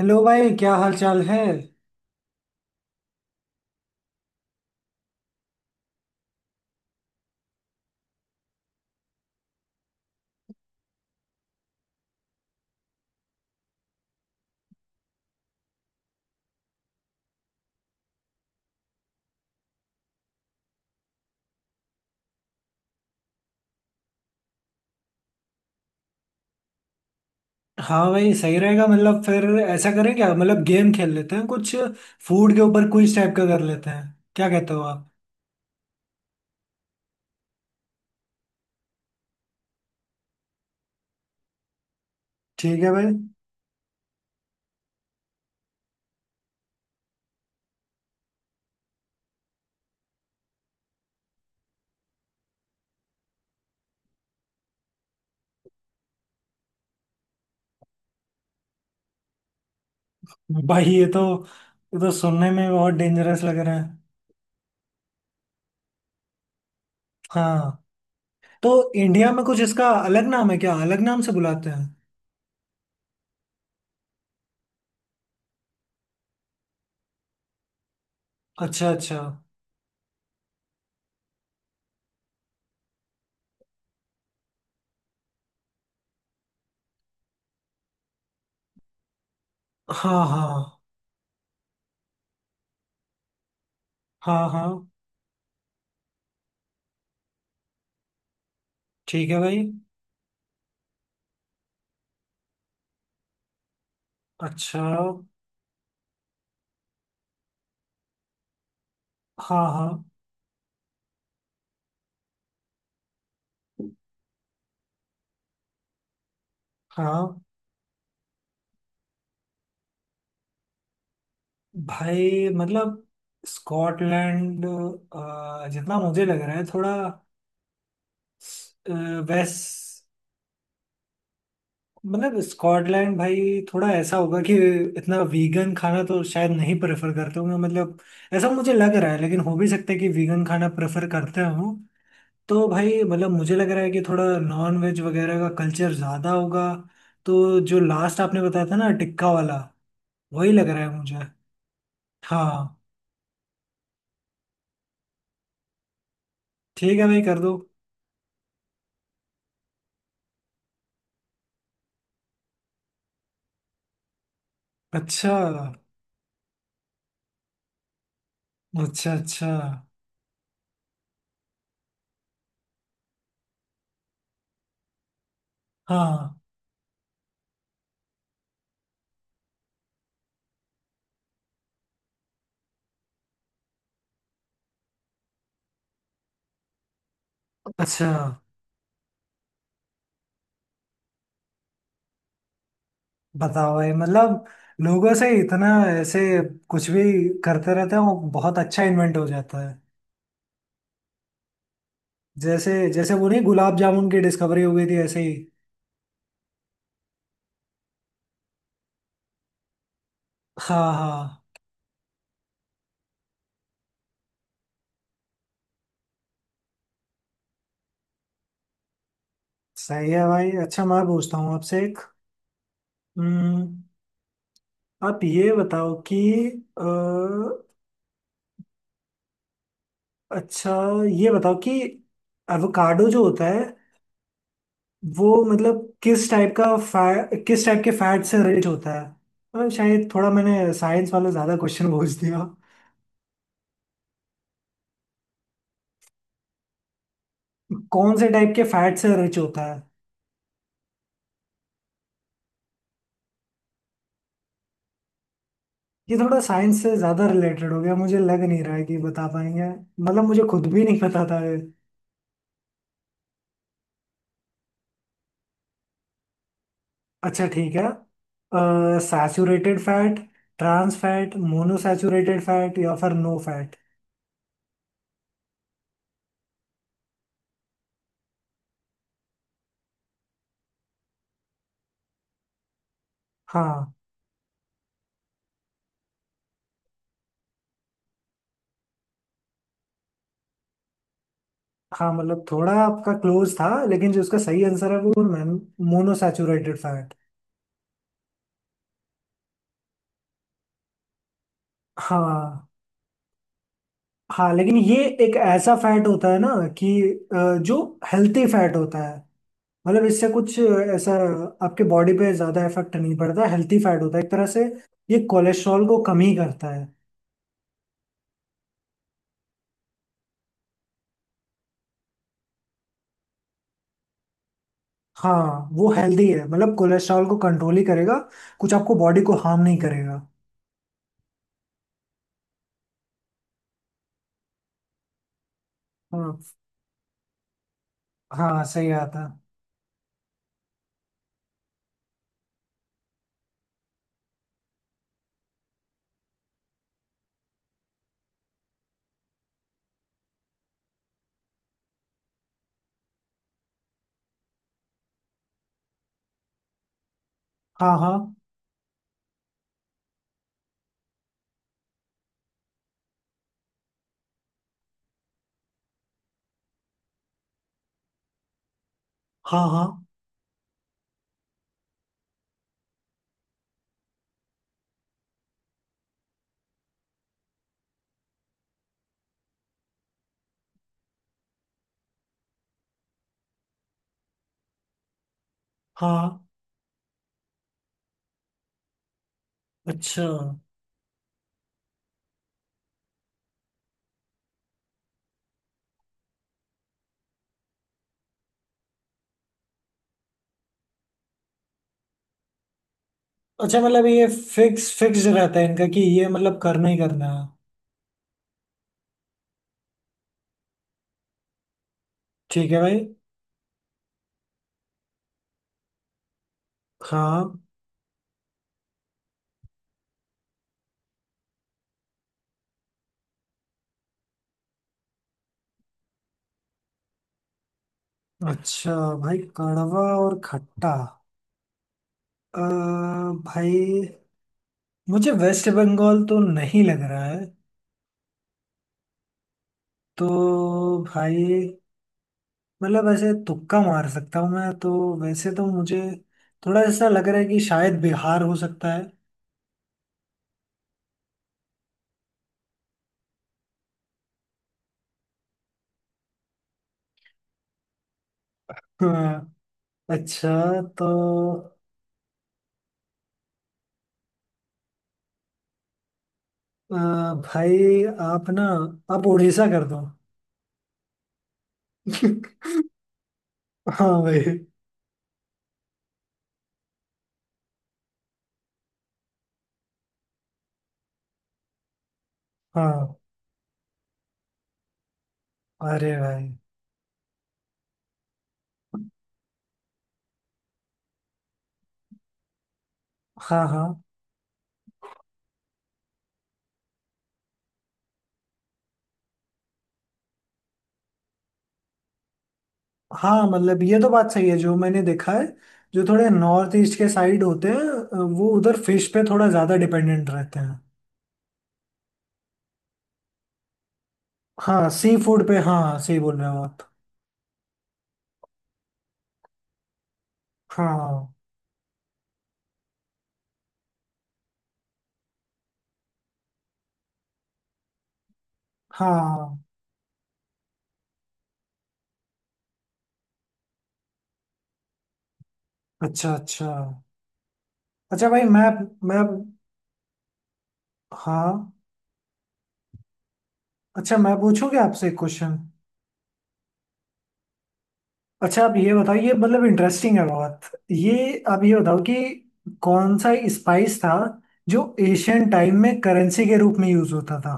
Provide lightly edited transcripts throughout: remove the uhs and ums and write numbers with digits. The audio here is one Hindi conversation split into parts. हेलो भाई, क्या हाल चाल है। हाँ भाई, सही रहेगा। मतलब फिर ऐसा करें क्या, मतलब गेम खेल लेते हैं कुछ, फूड के ऊपर क्विज टाइप का कर लेते हैं। क्या कहते हो आप। ठीक है भाई। भाई ये तो सुनने में बहुत डेंजरस लग रहा है। हाँ, तो इंडिया में कुछ इसका अलग नाम है क्या, अलग नाम से बुलाते हैं। अच्छा अच्छा। हाँ हाँ हाँ हाँ। ठीक है भाई। अच्छा। हाँ हाँ हाँ। भाई मतलब स्कॉटलैंड जितना मुझे लग रहा है, थोड़ा वेस्ट। मतलब स्कॉटलैंड भाई थोड़ा ऐसा होगा कि इतना वीगन खाना तो शायद नहीं प्रेफर करते होंगे। मतलब ऐसा मुझे लग रहा है, लेकिन हो भी सकता है कि वीगन खाना प्रेफर करते हों। तो भाई मतलब मुझे लग रहा है कि थोड़ा नॉन वेज वगैरह का कल्चर ज़्यादा होगा। तो जो लास्ट आपने बताया था ना, टिक्का वाला, वही लग रहा है मुझे। हाँ। ठीक है भाई, कर दो। अच्छा अच्छा। अच्छा। हाँ। अच्छा। बताओ भाई, मतलब लोगों से इतना ऐसे कुछ भी करते रहते हैं, वो बहुत अच्छा इन्वेंट हो जाता है। जैसे जैसे वो नहीं, गुलाब जामुन की डिस्कवरी हो गई थी ऐसे ही। हाँ हाँ। सही है भाई। अच्छा, मैं पूछता हूँ आपसे एक। हम्म, आप ये बताओ कि अ, अच्छा, ये बताओ कि एवोकाडो जो होता है, वो मतलब किस टाइप का किस टाइप के फैट से रिच होता है। शायद थोड़ा मैंने साइंस वाला ज्यादा क्वेश्चन पूछ दिया। कौन से टाइप के फैट से रिच होता है। ये थोड़ा साइंस से ज्यादा रिलेटेड हो गया, मुझे लग नहीं रहा है कि बता पाएंगे। मतलब मुझे खुद भी नहीं पता था ये। अच्छा, ठीक है। Saturated fat, trans fat, monounsaturated fat या फिर नो फैट। हाँ। हाँ मतलब थोड़ा आपका क्लोज था, लेकिन जो उसका सही आंसर है वो मोनोसैचुरेटेड फैट। हाँ। हाँ लेकिन ये एक ऐसा फैट होता है ना कि जो हेल्थी फैट होता है। मतलब इससे कुछ ऐसा आपके बॉडी पे ज्यादा इफेक्ट नहीं पड़ता, हेल्थी फैट होता है एक तरह से। ये कोलेस्ट्रॉल को कम ही करता है। हाँ वो हेल्दी है, मतलब कोलेस्ट्रॉल को कंट्रोल ही करेगा, कुछ आपको बॉडी को हार्म नहीं करेगा। हाँ हाँ। सही आता है। हाँ हाँ हाँ हाँ। हाँ। अच्छा अच्छा, मतलब ये फिक्स फिक्स रहता है इनका कि ये मतलब करना ही करना है। ठीक है भाई। हाँ। अच्छा। भाई कड़वा और खट्टा, अ, भाई मुझे वेस्ट बंगाल तो नहीं लग रहा है। तो भाई मतलब ऐसे तुक्का मार सकता हूँ मैं तो। वैसे तो मुझे थोड़ा ऐसा लग रहा है कि शायद बिहार हो सकता है। हाँ। अच्छा। तो अ, भाई, आप ना, आप उड़ीसा कर दो। हाँ भाई। हाँ। अरे भाई। हाँ हाँ। हाँ मतलब ये तो बात सही है जो मैंने देखा है। जो थोड़े नॉर्थ ईस्ट के साइड होते हैं वो उधर फिश पे थोड़ा ज्यादा डिपेंडेंट रहते हैं। हाँ सी फूड पे, हाँ सही बोल रहे हो आप। हाँ हाँ। अच्छा अच्छा। अच्छा भाई, मैं। हाँ। अच्छा, मैं पूछूंगा आपसे एक क्वेश्चन। अच्छा आप ये बताओ, ये मतलब इंटरेस्टिंग है बहुत ये। आप ये बताओ कि कौन सा स्पाइस था जो एशियन टाइम में करेंसी के रूप में यूज होता था।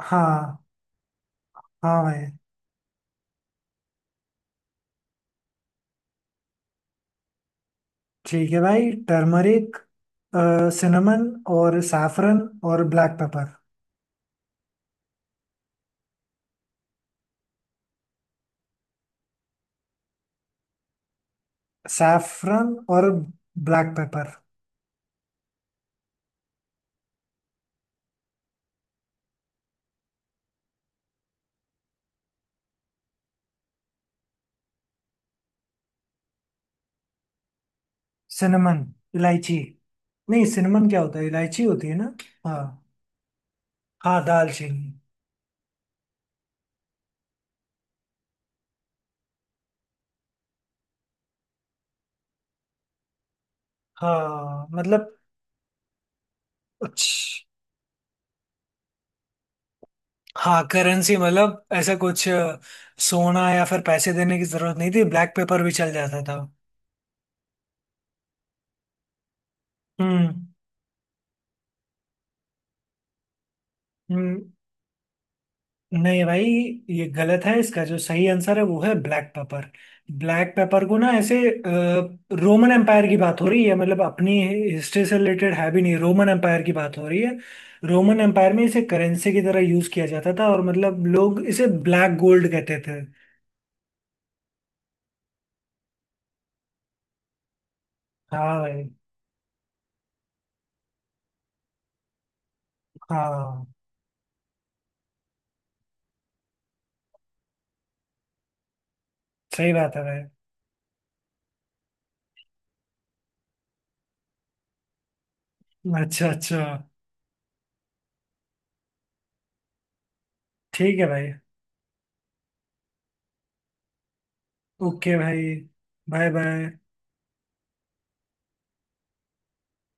हाँ। हाँ भाई। ठीक है भाई, टर्मरिक, सिनेमन, और सैफरन, और ब्लैक पेपर। सैफरन और ब्लैक पेपर। सिनेमन, इलायची। नहीं सिनेमन क्या होता है, इलायची होती है ना। हाँ। हाँ दालचीनी। हाँ मतलब कुछ। हाँ करेंसी मतलब ऐसा कुछ, सोना या फिर पैसे देने की जरूरत नहीं थी, ब्लैक पेपर भी चल जाता था। हम्म हम्म। नहीं भाई, ये गलत है। इसका जो सही आंसर है वो है ब्लैक पेपर। ब्लैक पेपर को ना ऐसे, रोमन एम्पायर की बात हो रही है, मतलब अपनी हिस्ट्री से रिलेटेड है भी नहीं, रोमन एम्पायर की बात हो रही है। रोमन एम्पायर में इसे करेंसी की तरह यूज किया जाता था, और मतलब लोग इसे ब्लैक गोल्ड कहते थे। हाँ भाई। हाँ सही बात है भाई। अच्छा अच्छा। ठीक है भाई। ओके भाई। Bye bye.